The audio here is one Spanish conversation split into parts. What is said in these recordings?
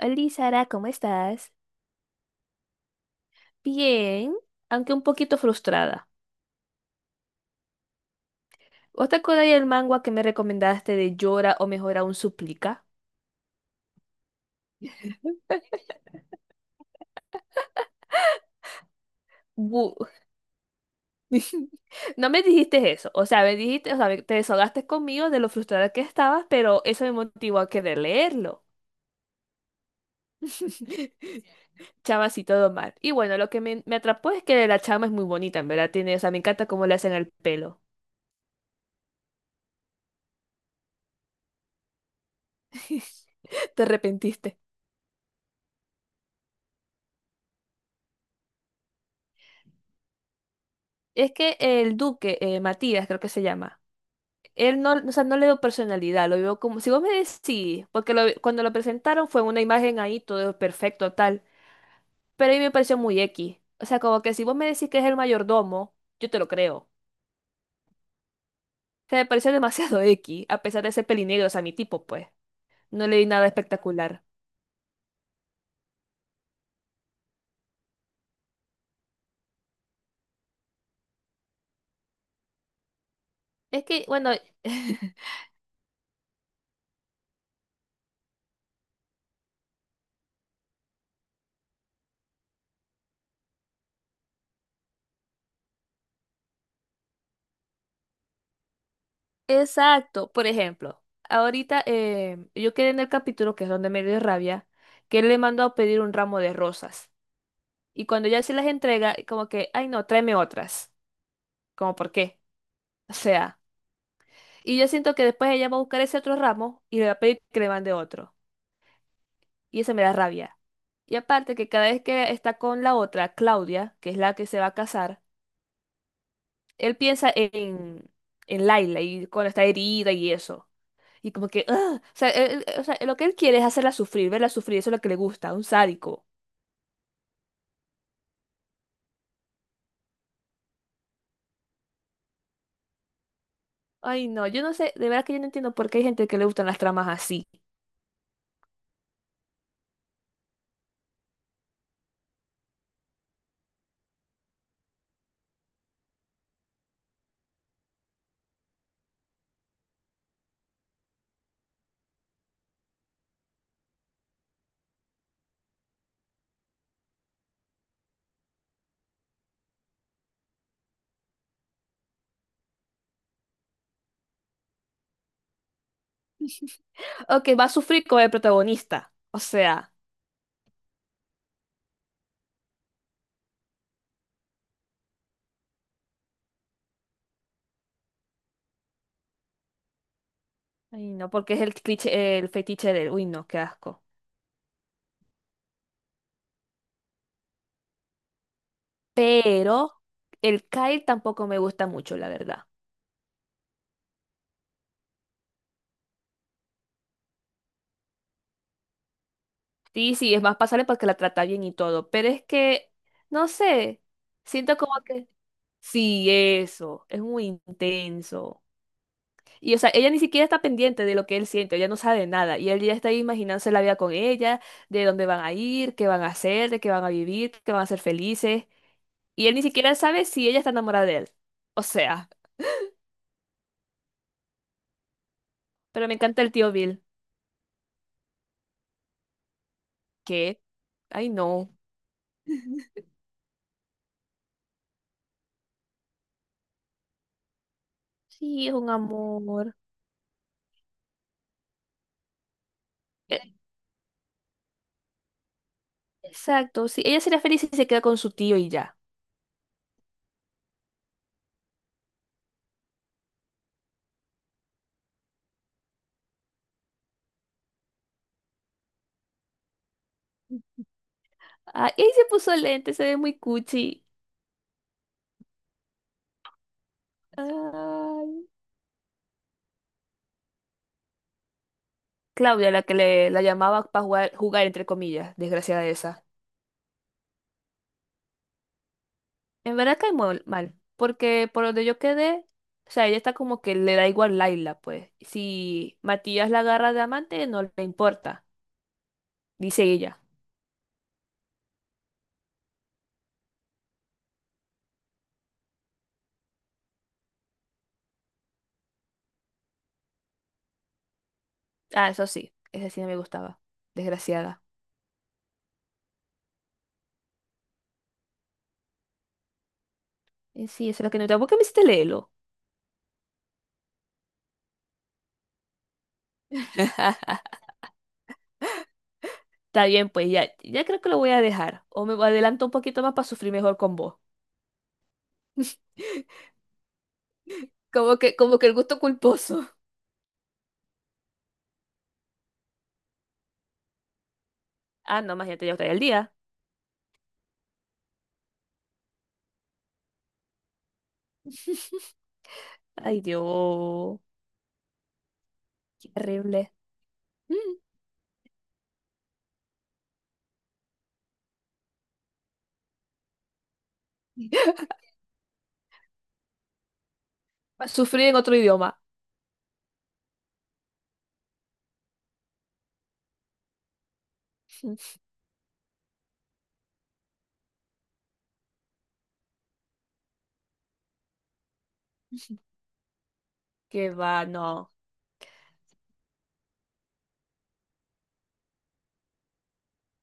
Hola Sara, ¿cómo estás? Bien, aunque un poquito frustrada. ¿Vos te acordás del manga que me recomendaste de Llora o mejor aún Suplica? Bu- No me dijiste eso, o sea, me dijiste, o sea, te desahogaste conmigo de lo frustrada que estabas, pero eso me motivó a querer leerlo. Chama, sí, todo mal. Y bueno, lo que me atrapó es que la chama es muy bonita, en verdad, tiene, o sea, me encanta cómo le hacen el pelo. Te arrepentiste. Es que el duque, Matías creo que se llama. Él no, o sea, no le veo personalidad, lo veo como, si vos me decís, sí, porque cuando lo presentaron fue una imagen ahí, todo perfecto, tal, pero a mí me pareció muy X. O sea, como que si vos me decís que es el mayordomo, yo te lo creo. O sea, me pareció demasiado X, a pesar de ser pelinegro, o sea, mi tipo, pues, no le di nada espectacular. Es que, bueno, exacto, por ejemplo, ahorita yo quedé en el capítulo, que es donde me dio rabia, que él le mandó a pedir un ramo de rosas. Y cuando ya se las entrega, como que, ay no, tráeme otras. Como por qué. O sea, y yo siento que después ella va a buscar ese otro ramo y le va a pedir que le mande otro. Y eso me da rabia. Y aparte que cada vez que está con la otra, Claudia, que es la que se va a casar, él piensa en Laila y cuando está herida y eso. Y como que, ¡ah! O sea, o sea, lo que él quiere es hacerla sufrir, verla sufrir, eso es lo que le gusta, un sádico. Ay, no, yo no sé, de verdad que yo no entiendo por qué hay gente que le gustan las tramas así. O que va a sufrir como el protagonista. O sea. Ay, no, porque es el cliché, el fetiche del, uy, no, qué asco. Pero el Kyle tampoco me gusta mucho, la verdad. Sí, sí, es más pasable porque la trata bien y todo, pero es que, no sé, siento como que, sí, eso, es muy intenso. Y o sea, ella ni siquiera está pendiente de lo que él siente, ella no sabe nada, y él ya está ahí imaginándose la vida con ella, de dónde van a ir, qué van a hacer, de qué van a vivir, que van a ser felices, y él ni siquiera sabe si ella está enamorada de él. O sea, pero me encanta el tío Bill. ¿Qué? Ay, no. Sí, es un amor. E- Exacto, sí. Ella sería feliz si se queda con su tío y ya. Ay, y se puso lente, se ve muy cuchi. Ay. Claudia, la que la llamaba para jugar, jugar, entre comillas, desgraciada esa. En verdad cae mal, porque por donde yo quedé, o sea, ella está como que le da igual Laila, pues. Si Matías la agarra de amante, no le importa, dice ella. Ah, eso sí, esa sí no me gustaba. Desgraciada. Sí, eso es lo que no te gustaba. ¿Por qué me hiciste leerlo? Está bien, pues ya creo que lo voy a dejar. O me adelanto un poquito más para sufrir mejor con vos. Como que el gusto culposo. Ah, no, más ya te el día. Ay, Dios, qué horrible. Mm. Va sufrir en otro idioma. Qué va, no.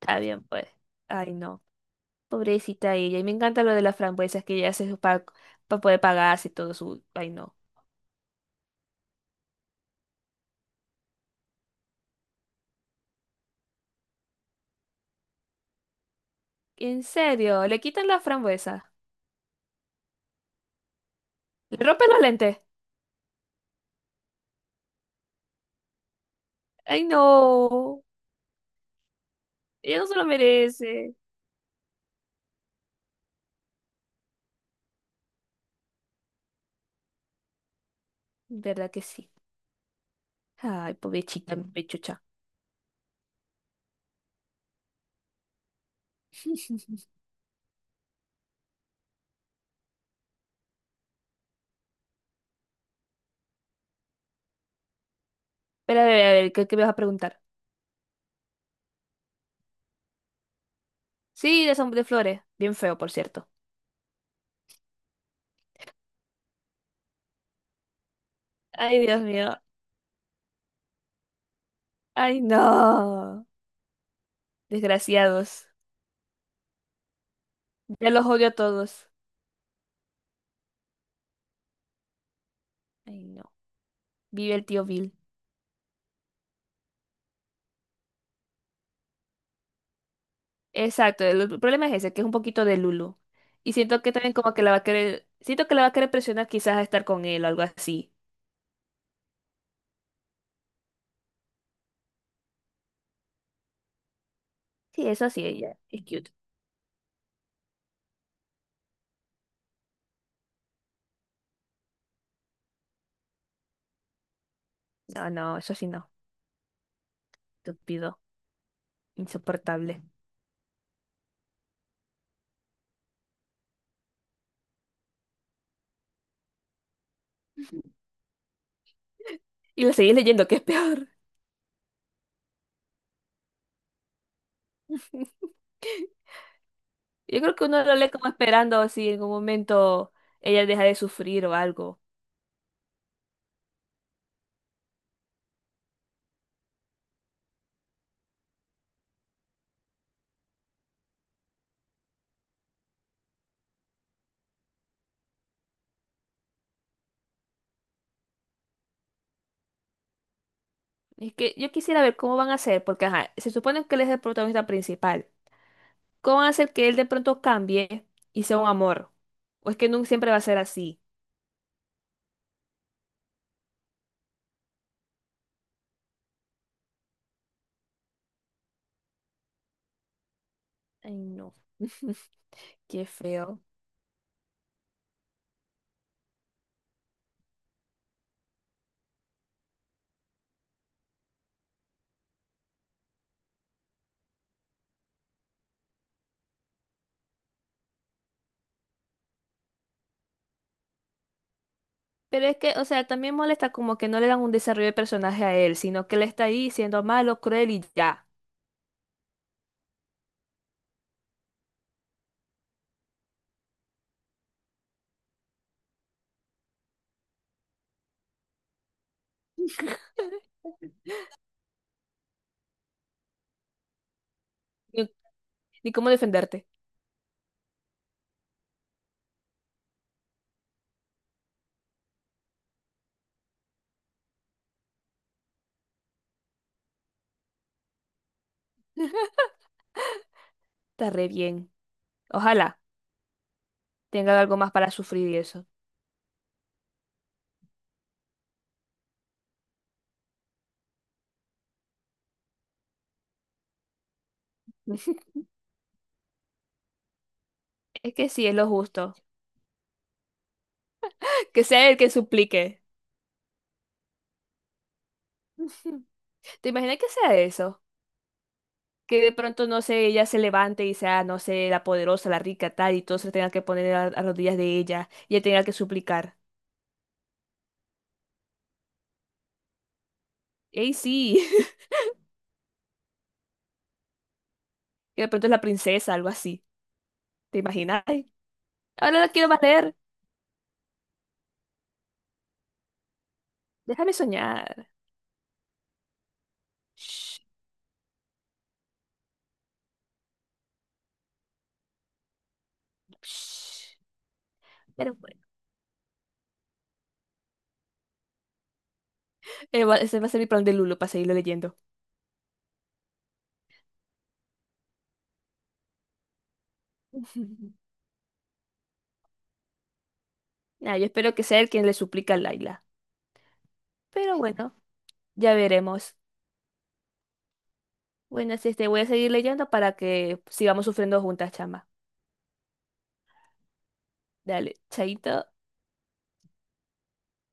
Está bien, pues. Ay, no. Pobrecita ella. Y me encanta lo de las frambuesas que ella hace para poder pagarse y todo su. Ay, no. En serio, le quitan las frambuesas. Le rompen los lentes. Ay, no. Ella no se lo merece. ¿Verdad que sí? Ay, pobrecita, mi pechucha. Pero a ver, ¿qué me vas a preguntar? Sí, de flores. Bien feo, por cierto. Ay, Dios mío. Ay, no. Desgraciados. Ya los odio a todos. Ay, no. Vive el tío Bill. Exacto. El problema es ese, que es un poquito de Lulu. Y siento que también como que la va a querer... Siento que la va a querer presionar quizás a estar con él o algo así. Sí, eso sí, ella. Es cute. No, no, eso sí no. Estúpido. Insoportable. Y lo seguís leyendo, que es peor. Yo creo que uno lo lee como esperando si en algún momento ella deja de sufrir o algo. Es que yo quisiera ver cómo van a hacer, porque ajá, se supone que él es el protagonista principal. ¿Cómo van a hacer que él de pronto cambie y sea un amor? ¿O es que nunca siempre va a ser así? Ay, no. Qué feo. Pero es que, o sea, también molesta como que no le dan un desarrollo de personaje a él, sino que él está ahí siendo malo, cruel y ya. Ni, ni cómo defenderte. Está re bien. Ojalá tenga algo más para sufrir y eso. Es que sí, es lo justo. Que sea el que suplique. ¿Te imaginas que sea eso? Que de pronto, no sé, ella se levante y sea, no sé, la poderosa, la rica, tal, y todos se tengan que poner a rodillas de ella y ella tenga que suplicar. ¡Ey, sí! Que de pronto es la princesa, algo así. ¿Te imaginas? Ay, ahora la quiero valer. Déjame soñar. Shh, shh. Pero bueno. Ese va a ser mi plan de Lulo para seguirlo leyendo. Nah, yo espero que sea el quien le suplica a Laila. Pero bueno, ya veremos. Bueno, sí, este, voy a seguir leyendo para que sigamos sufriendo juntas, chama. Dale, chaito.